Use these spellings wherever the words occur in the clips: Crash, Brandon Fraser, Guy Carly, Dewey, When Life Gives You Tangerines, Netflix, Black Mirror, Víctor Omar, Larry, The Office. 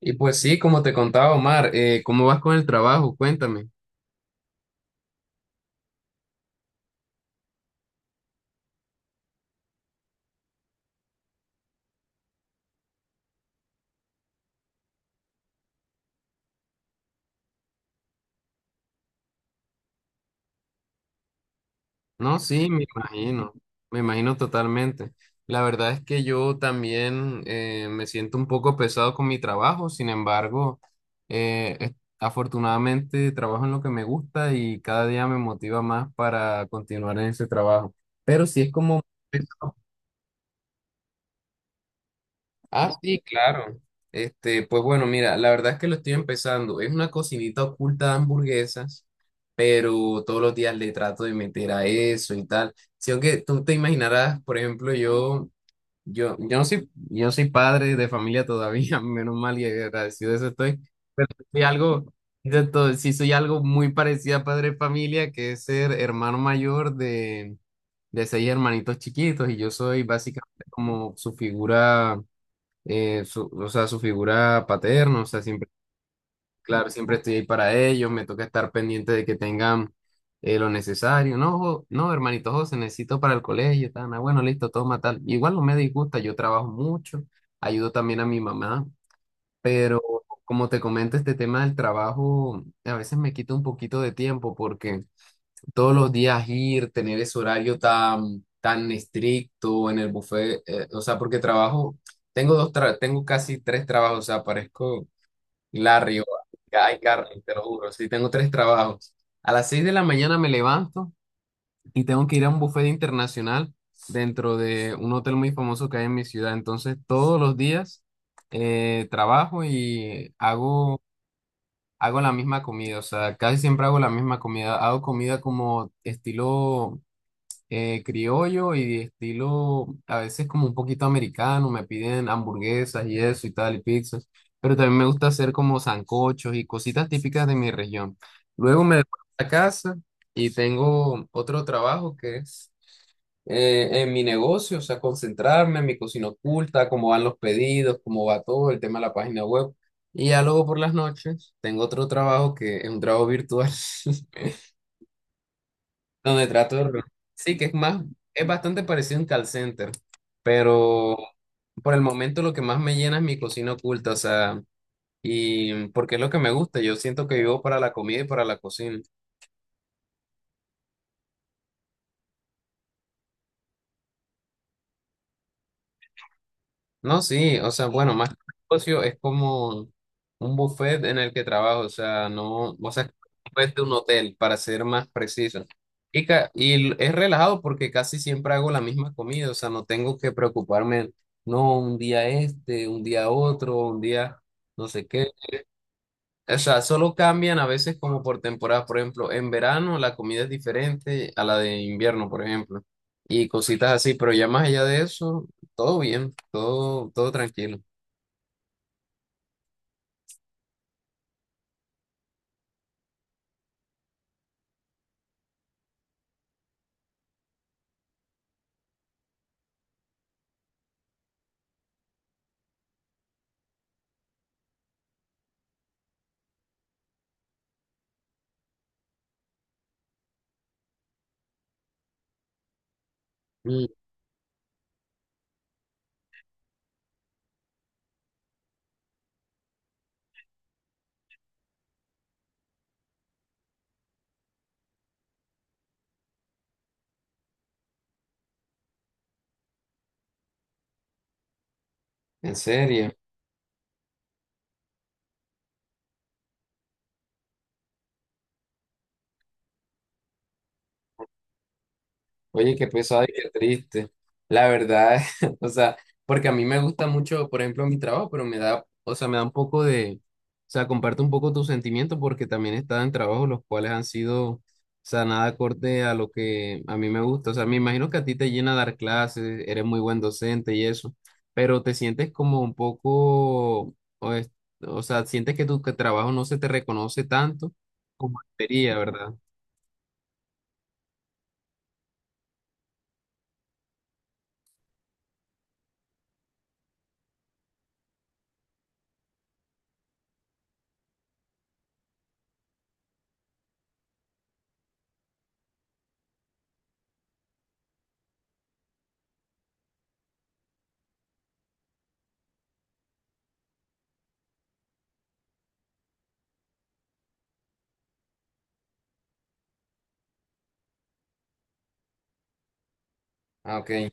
Y pues sí, como te contaba Omar, ¿cómo vas con el trabajo? Cuéntame. No, sí, me imagino totalmente. La verdad es que yo también me siento un poco pesado con mi trabajo. Sin embargo, eh, es- afortunadamente trabajo en lo que me gusta y cada día me motiva más para continuar en ese trabajo. Pero sí es como... Ah, sí, claro. Este, pues bueno, mira, la verdad es que lo estoy empezando. Es una cocinita oculta de hamburguesas, pero todos los días le trato de meter a eso y tal. Si aunque tú te imaginarás, por ejemplo, yo no soy, yo no soy padre de familia todavía, menos mal y agradecido de eso estoy, pero soy algo, sí soy algo muy parecido a padre de familia, que es ser hermano mayor de 6 hermanitos chiquitos, y yo soy básicamente como su figura o sea, su figura paterna, o sea, siempre, claro, siempre estoy ahí para ellos. Me toca estar pendiente de que tengan lo necesario. No, no, hermanito José, necesito para el colegio, tal, ah, bueno, listo, toma tal. Igual no me disgusta, yo trabajo mucho, ayudo también a mi mamá, pero como te comento, este tema del trabajo a veces me quita un poquito de tiempo porque todos los días ir, tener ese horario tan, tan estricto en el buffet, o sea, porque trabajo, tengo casi 3 trabajos, o sea, parezco Larry o Guy Carly, te lo juro, sí, tengo 3 trabajos. A las 6 de la mañana me levanto y tengo que ir a un buffet internacional dentro de un hotel muy famoso que hay en mi ciudad, entonces todos los días trabajo y hago... Hago la misma comida, o sea, casi siempre hago la misma comida. Hago comida como estilo criollo y estilo a veces como un poquito americano, me piden hamburguesas y eso y tal y pizzas, pero también me gusta hacer como sancochos y cositas típicas de mi región. Luego me devuelvo a la casa y tengo otro trabajo que es en mi negocio, o sea, concentrarme en mi cocina oculta, cómo van los pedidos, cómo va todo el tema de la página web. Y ya luego por las noches tengo otro trabajo que es un trabajo virtual. Donde trato de... re- Sí, que es más, es bastante parecido a un call center, pero por el momento lo que más me llena es mi cocina oculta, o sea, y porque es lo que me gusta, yo siento que vivo para la comida y para la cocina. No, sí, o sea, bueno, más que un negocio es como un buffet en el que trabajo, o sea, no, o sea, es un buffet de un hotel, para ser más preciso. Es relajado porque casi siempre hago la misma comida, o sea, no tengo que preocuparme, no, un día este, un día otro, un día no sé qué. O sea, solo cambian a veces como por temporada, por ejemplo, en verano la comida es diferente a la de invierno, por ejemplo, y cositas así, pero ya más allá de eso, todo bien, todo, todo tranquilo. Mm. En serio. Oye, qué pesado y qué triste. La verdad, o sea, porque a mí me gusta mucho, por ejemplo, mi trabajo, pero me da, o sea, me da un poco de, o sea, comparte un poco tus sentimientos porque también he estado en trabajos los cuales han sido, o sea, nada acorde a lo que a mí me gusta. O sea, me imagino que a ti te llena dar clases, eres muy buen docente y eso, pero te sientes como un poco, o sea, sientes que tu que trabajo no se te reconoce tanto como debería, ¿verdad? Ah, ok.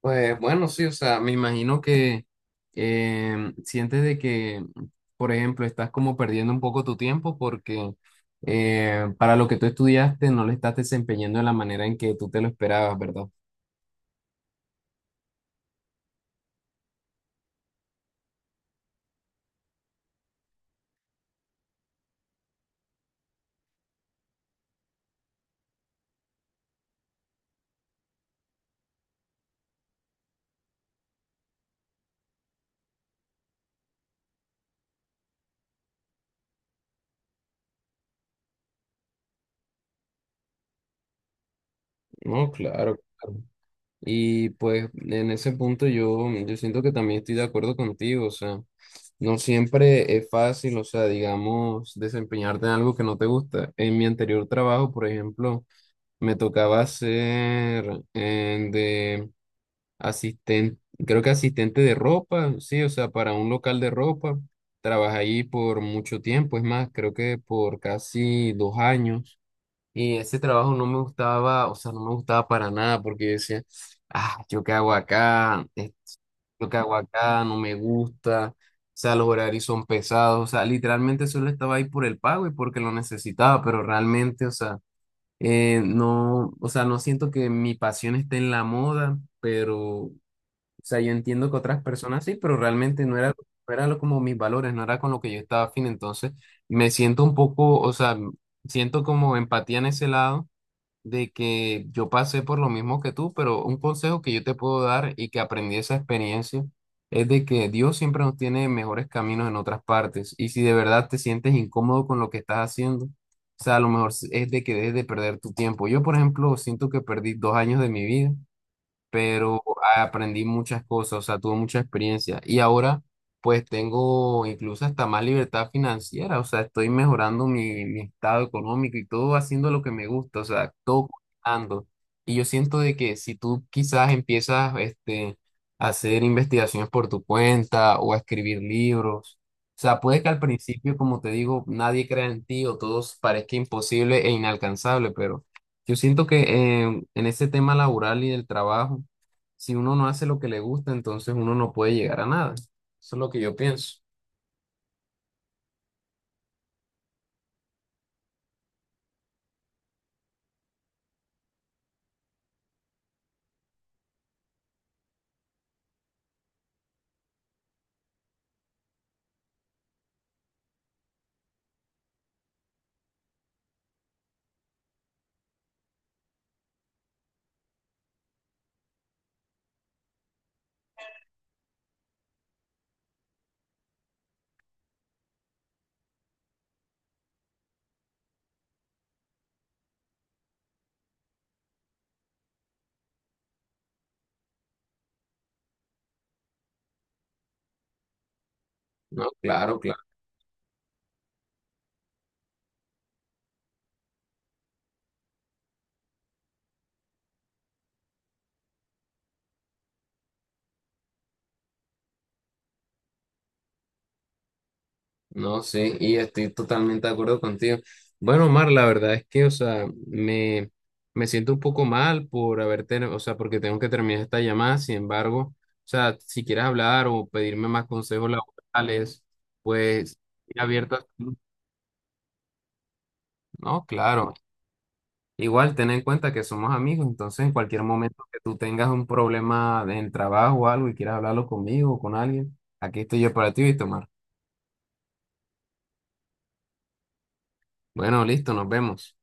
Pues bueno, sí, o sea, me imagino que sientes de que, por ejemplo, estás como perdiendo un poco tu tiempo porque para lo que tú estudiaste no le estás desempeñando de la manera en que tú te lo esperabas, ¿verdad? No, claro. Claro. Y pues en ese punto yo, yo siento que también estoy de acuerdo contigo, o sea, no siempre es fácil, o sea, digamos, desempeñarte en algo que no te gusta. En mi anterior trabajo, por ejemplo, me tocaba ser de asistente, creo que asistente de ropa, sí, o sea, para un local de ropa. Trabajé ahí por mucho tiempo, es más, creo que por casi 2 años. Y ese trabajo no me gustaba, o sea, no me gustaba para nada porque yo decía, ah, yo qué hago acá, esto que hago acá no me gusta, o sea, los horarios son pesados, o sea, literalmente solo estaba ahí por el pago y porque lo necesitaba, pero realmente, o sea, no, o sea, no siento que mi pasión esté en la moda, pero, o sea, yo entiendo que otras personas sí, pero realmente no era, como mis valores, no era con lo que yo estaba afín, entonces me siento un poco, o sea, siento como empatía en ese lado de que yo pasé por lo mismo que tú, pero un consejo que yo te puedo dar y que aprendí de esa experiencia es de que Dios siempre nos tiene mejores caminos en otras partes. Y si de verdad te sientes incómodo con lo que estás haciendo, o sea, a lo mejor es de que dejes de perder tu tiempo. Yo, por ejemplo, siento que perdí 2 años de mi vida, pero aprendí muchas cosas, o sea, tuve mucha experiencia y ahora pues tengo incluso hasta más libertad financiera, o sea, estoy mejorando mi, mi estado económico y todo haciendo lo que me gusta, o sea, todo combinando. Y yo siento de que si tú quizás empiezas este, a hacer investigaciones por tu cuenta o a escribir libros, o sea, puede que al principio, como te digo, nadie crea en ti o todo parezca imposible e inalcanzable, pero... Yo siento que en ese tema laboral y del trabajo, si uno no hace lo que le gusta, entonces uno no puede llegar a nada. Eso es lo que yo pienso. No, claro, claro. No, sí, y estoy totalmente de acuerdo contigo. Bueno, Omar, la verdad es que, o sea, me siento un poco mal por haber tenido, o sea, porque tengo que terminar esta llamada. Sin embargo, o sea, si quieres hablar o pedirme más consejos laborales, pues estoy abierto a... No, claro. Igual, ten en cuenta que somos amigos, entonces en cualquier momento que tú tengas un problema en el trabajo o algo y quieras hablarlo conmigo o con alguien, aquí estoy yo para ti, Víctor Omar. Bueno, listo, nos vemos.